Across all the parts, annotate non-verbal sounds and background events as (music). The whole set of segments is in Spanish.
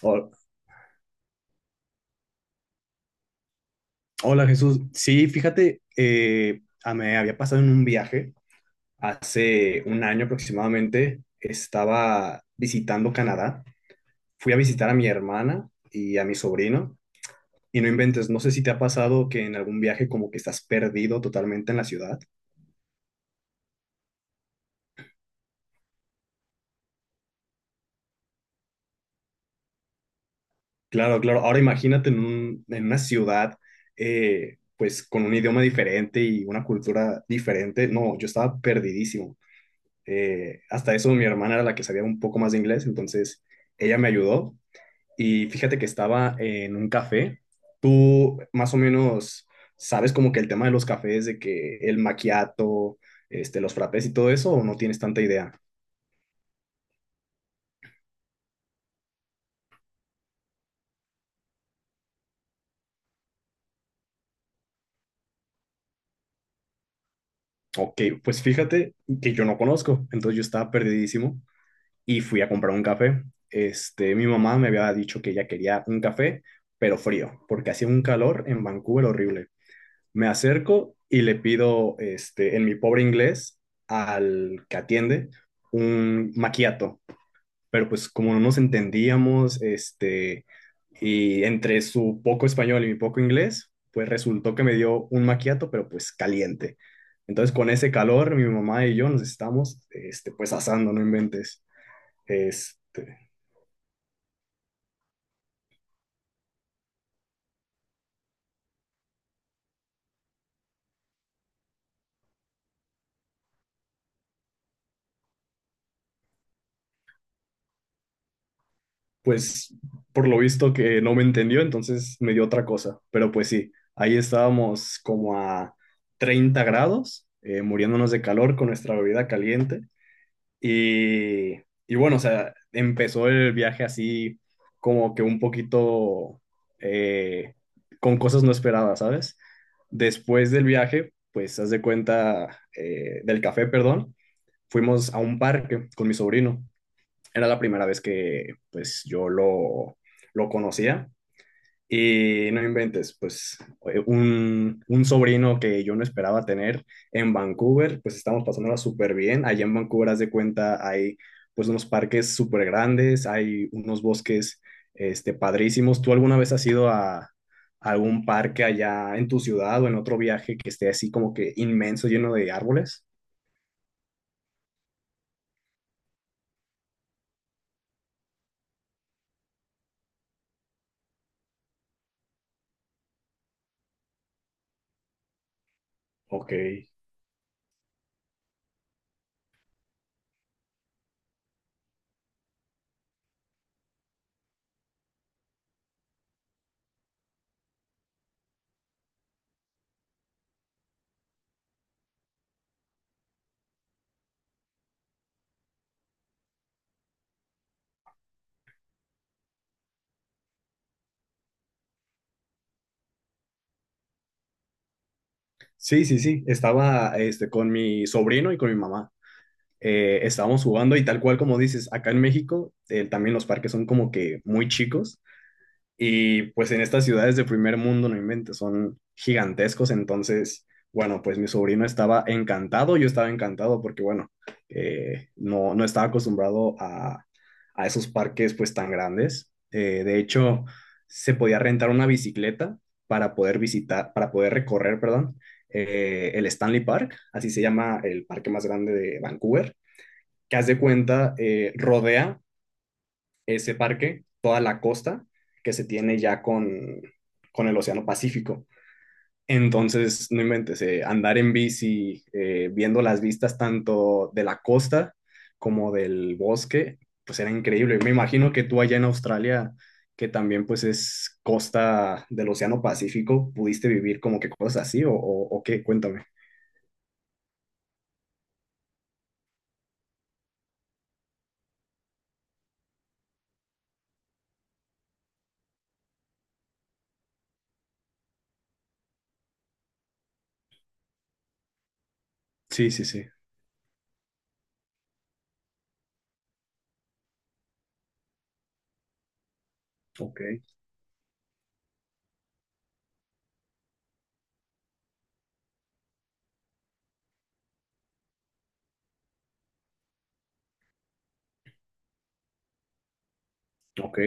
Hol- Hola, Jesús, sí, fíjate, me había pasado en un viaje hace un año aproximadamente. Estaba visitando Canadá, fui a visitar a mi hermana y a mi sobrino, y no inventes, no sé si te ha pasado que en algún viaje como que estás perdido totalmente en la ciudad. Claro, claro, ahora imagínate en en una ciudad, pues con un idioma diferente y una cultura diferente. No, yo estaba perdidísimo. Hasta eso mi hermana era la que sabía un poco más de inglés, entonces ella me ayudó. Y fíjate que estaba en un café. Tú más o menos sabes como que el tema de los cafés, de que el maquiato, este, los frappés y todo eso, o no tienes tanta idea. Ok, pues fíjate que yo no conozco, entonces yo estaba perdidísimo y fui a comprar un café. Este, mi mamá me había dicho que ella quería un café, pero frío, porque hacía un calor en Vancouver horrible. Me acerco y le pido, este, en mi pobre inglés, al que atiende, un maquiato. Pero pues como no nos entendíamos, este, y entre su poco español y mi poco inglés, pues resultó que me dio un maquiato, pero pues caliente. Entonces con ese calor, mi mamá y yo nos estamos, este, pues asando, no inventes. Este, pues por lo visto que no me entendió, entonces me dio otra cosa. Pero pues sí, ahí estábamos como a 30 grados, muriéndonos de calor con nuestra bebida caliente. Y, y bueno, o sea, empezó el viaje así como que un poquito, eh, con cosas no esperadas, ¿sabes? Después del viaje, pues haz de cuenta, del café, perdón, fuimos a un parque con mi sobrino. Era la primera vez que pues yo lo conocía, y no inventes, pues, un sobrino que yo no esperaba tener en Vancouver, pues estamos pasándola súper bien. Allá en Vancouver, haz de cuenta, hay pues unos parques súper grandes, hay unos bosques, este, padrísimos. ¿Tú alguna vez has ido a algún parque allá en tu ciudad o en otro viaje que esté así como que inmenso, lleno de árboles? Ok. Sí, sí, sí. Estaba este, con mi sobrino y con mi mamá. Estábamos jugando y tal cual como dices, acá en México, también los parques son como que muy chicos, y pues en estas ciudades de primer mundo, no inventes, son gigantescos. Entonces, bueno, pues mi sobrino estaba encantado, yo estaba encantado porque, bueno, no, no estaba acostumbrado a esos parques pues tan grandes. De hecho, se podía rentar una bicicleta para poder visitar, para poder recorrer, perdón, el Stanley Park, así se llama el parque más grande de Vancouver, que haz de cuenta, rodea ese parque toda la costa que se tiene ya con el Océano Pacífico. Entonces, no inventes, andar en bici, viendo las vistas tanto de la costa como del bosque, pues era increíble. Me imagino que tú allá en Australia, que también pues es costa del Océano Pacífico, pudiste vivir como que cosas así, o qué, cuéntame. Sí, sí, sí. Ok, ok.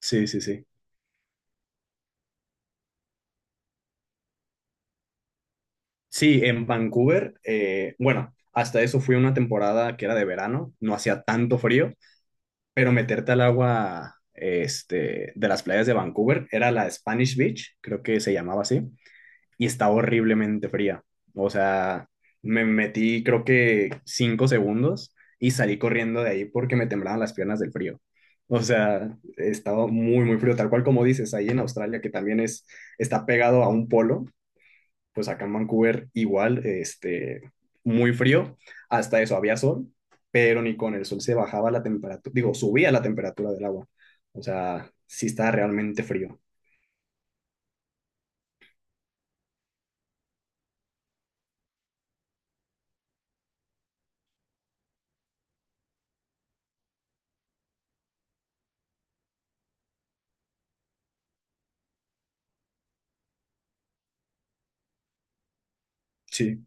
Sí, sí, sí. Sí, en Vancouver, bueno, hasta eso fui una temporada que era de verano, no hacía tanto frío, pero meterte al agua, este, de las playas de Vancouver, era la Spanish Beach, creo que se llamaba así, y estaba horriblemente fría. O sea, me metí creo que 5 segundos y salí corriendo de ahí porque me temblaban las piernas del frío. O sea, estaba muy, muy frío, tal cual como dices, ahí en Australia, que también es, está pegado a un polo. Pues acá en Vancouver igual, este, muy frío, hasta eso había sol, pero ni con el sol se bajaba la temperatura, digo, subía la temperatura del agua. O sea, sí está realmente frío. Sí,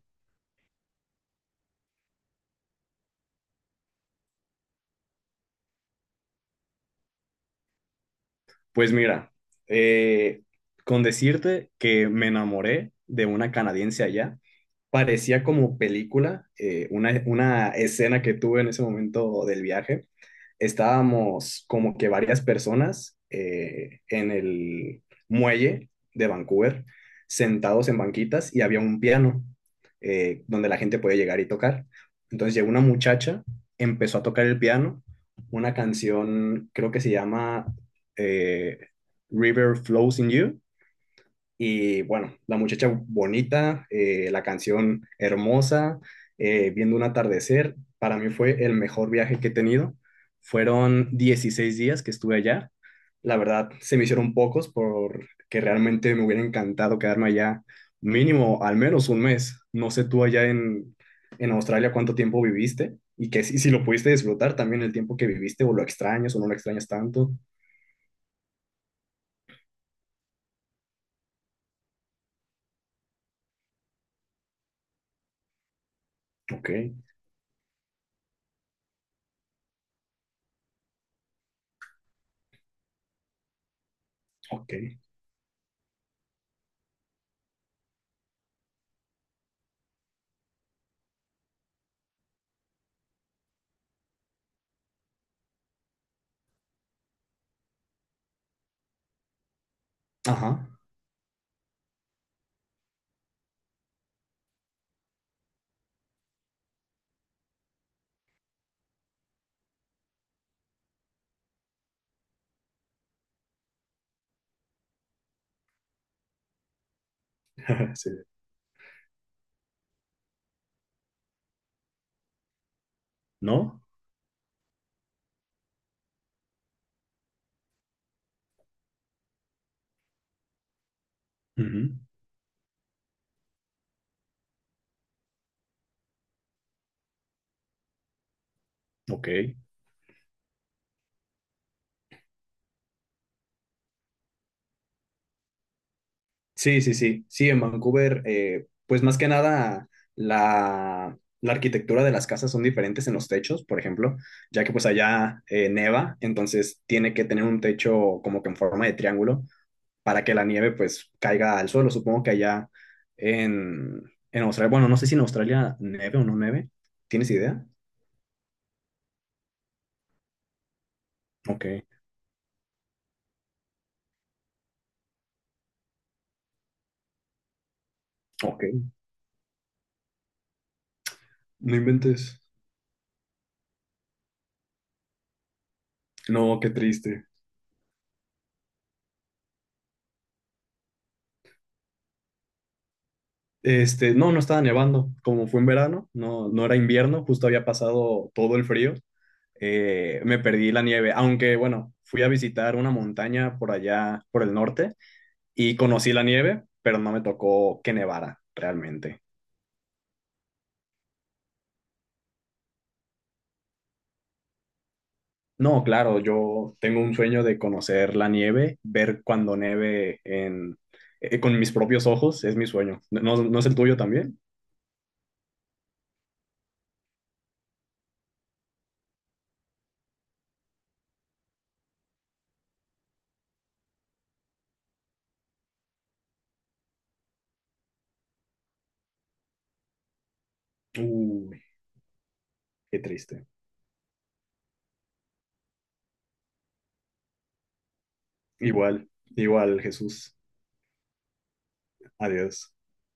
pues mira, eh, con decirte que me enamoré de una canadiense allá, parecía como película. Una, escena que tuve en ese momento del viaje. Estábamos como que varias personas, en el muelle de Vancouver, sentados en banquitas, y había un piano, donde la gente puede llegar y tocar. Entonces llegó una muchacha, empezó a tocar el piano, una canción creo que se llama, eh, River Flows in You, y bueno, la muchacha bonita, la canción hermosa, viendo un atardecer, para mí fue el mejor viaje que he tenido. Fueron 16 días que estuve allá. La verdad, se me hicieron pocos porque realmente me hubiera encantado quedarme allá mínimo al menos un mes. No sé tú allá en Australia cuánto tiempo viviste, y que si, si lo pudiste disfrutar también el tiempo que viviste, o lo extrañas o no lo extrañas tanto. Ok, ok. Ajá. (laughs) Sí. ¿No? Ujú. Ok. Sí, sí, sí. Sí, en Vancouver, pues más que nada la arquitectura de las casas son diferentes en los techos, por ejemplo, ya que pues allá, neva, entonces tiene que tener un techo como que en forma de triángulo para que la nieve pues caiga al suelo. Supongo que allá en, en Australia, bueno, no sé si en Australia nieve o no nieve. ¿Tienes idea? Ok, ok. No inventes. No, qué triste. Este, no, no estaba nevando. Como fue en verano, no, no era invierno, justo había pasado todo el frío. Me perdí la nieve, aunque bueno, fui a visitar una montaña por allá, por el norte, y conocí la nieve, pero no me tocó que nevara realmente. No, claro, yo tengo un sueño de conocer la nieve, ver cuando neve con mis propios ojos, es mi sueño. ¿No, no es el tuyo también? Uy, qué triste. Igual, igual, Jesús. Adiós.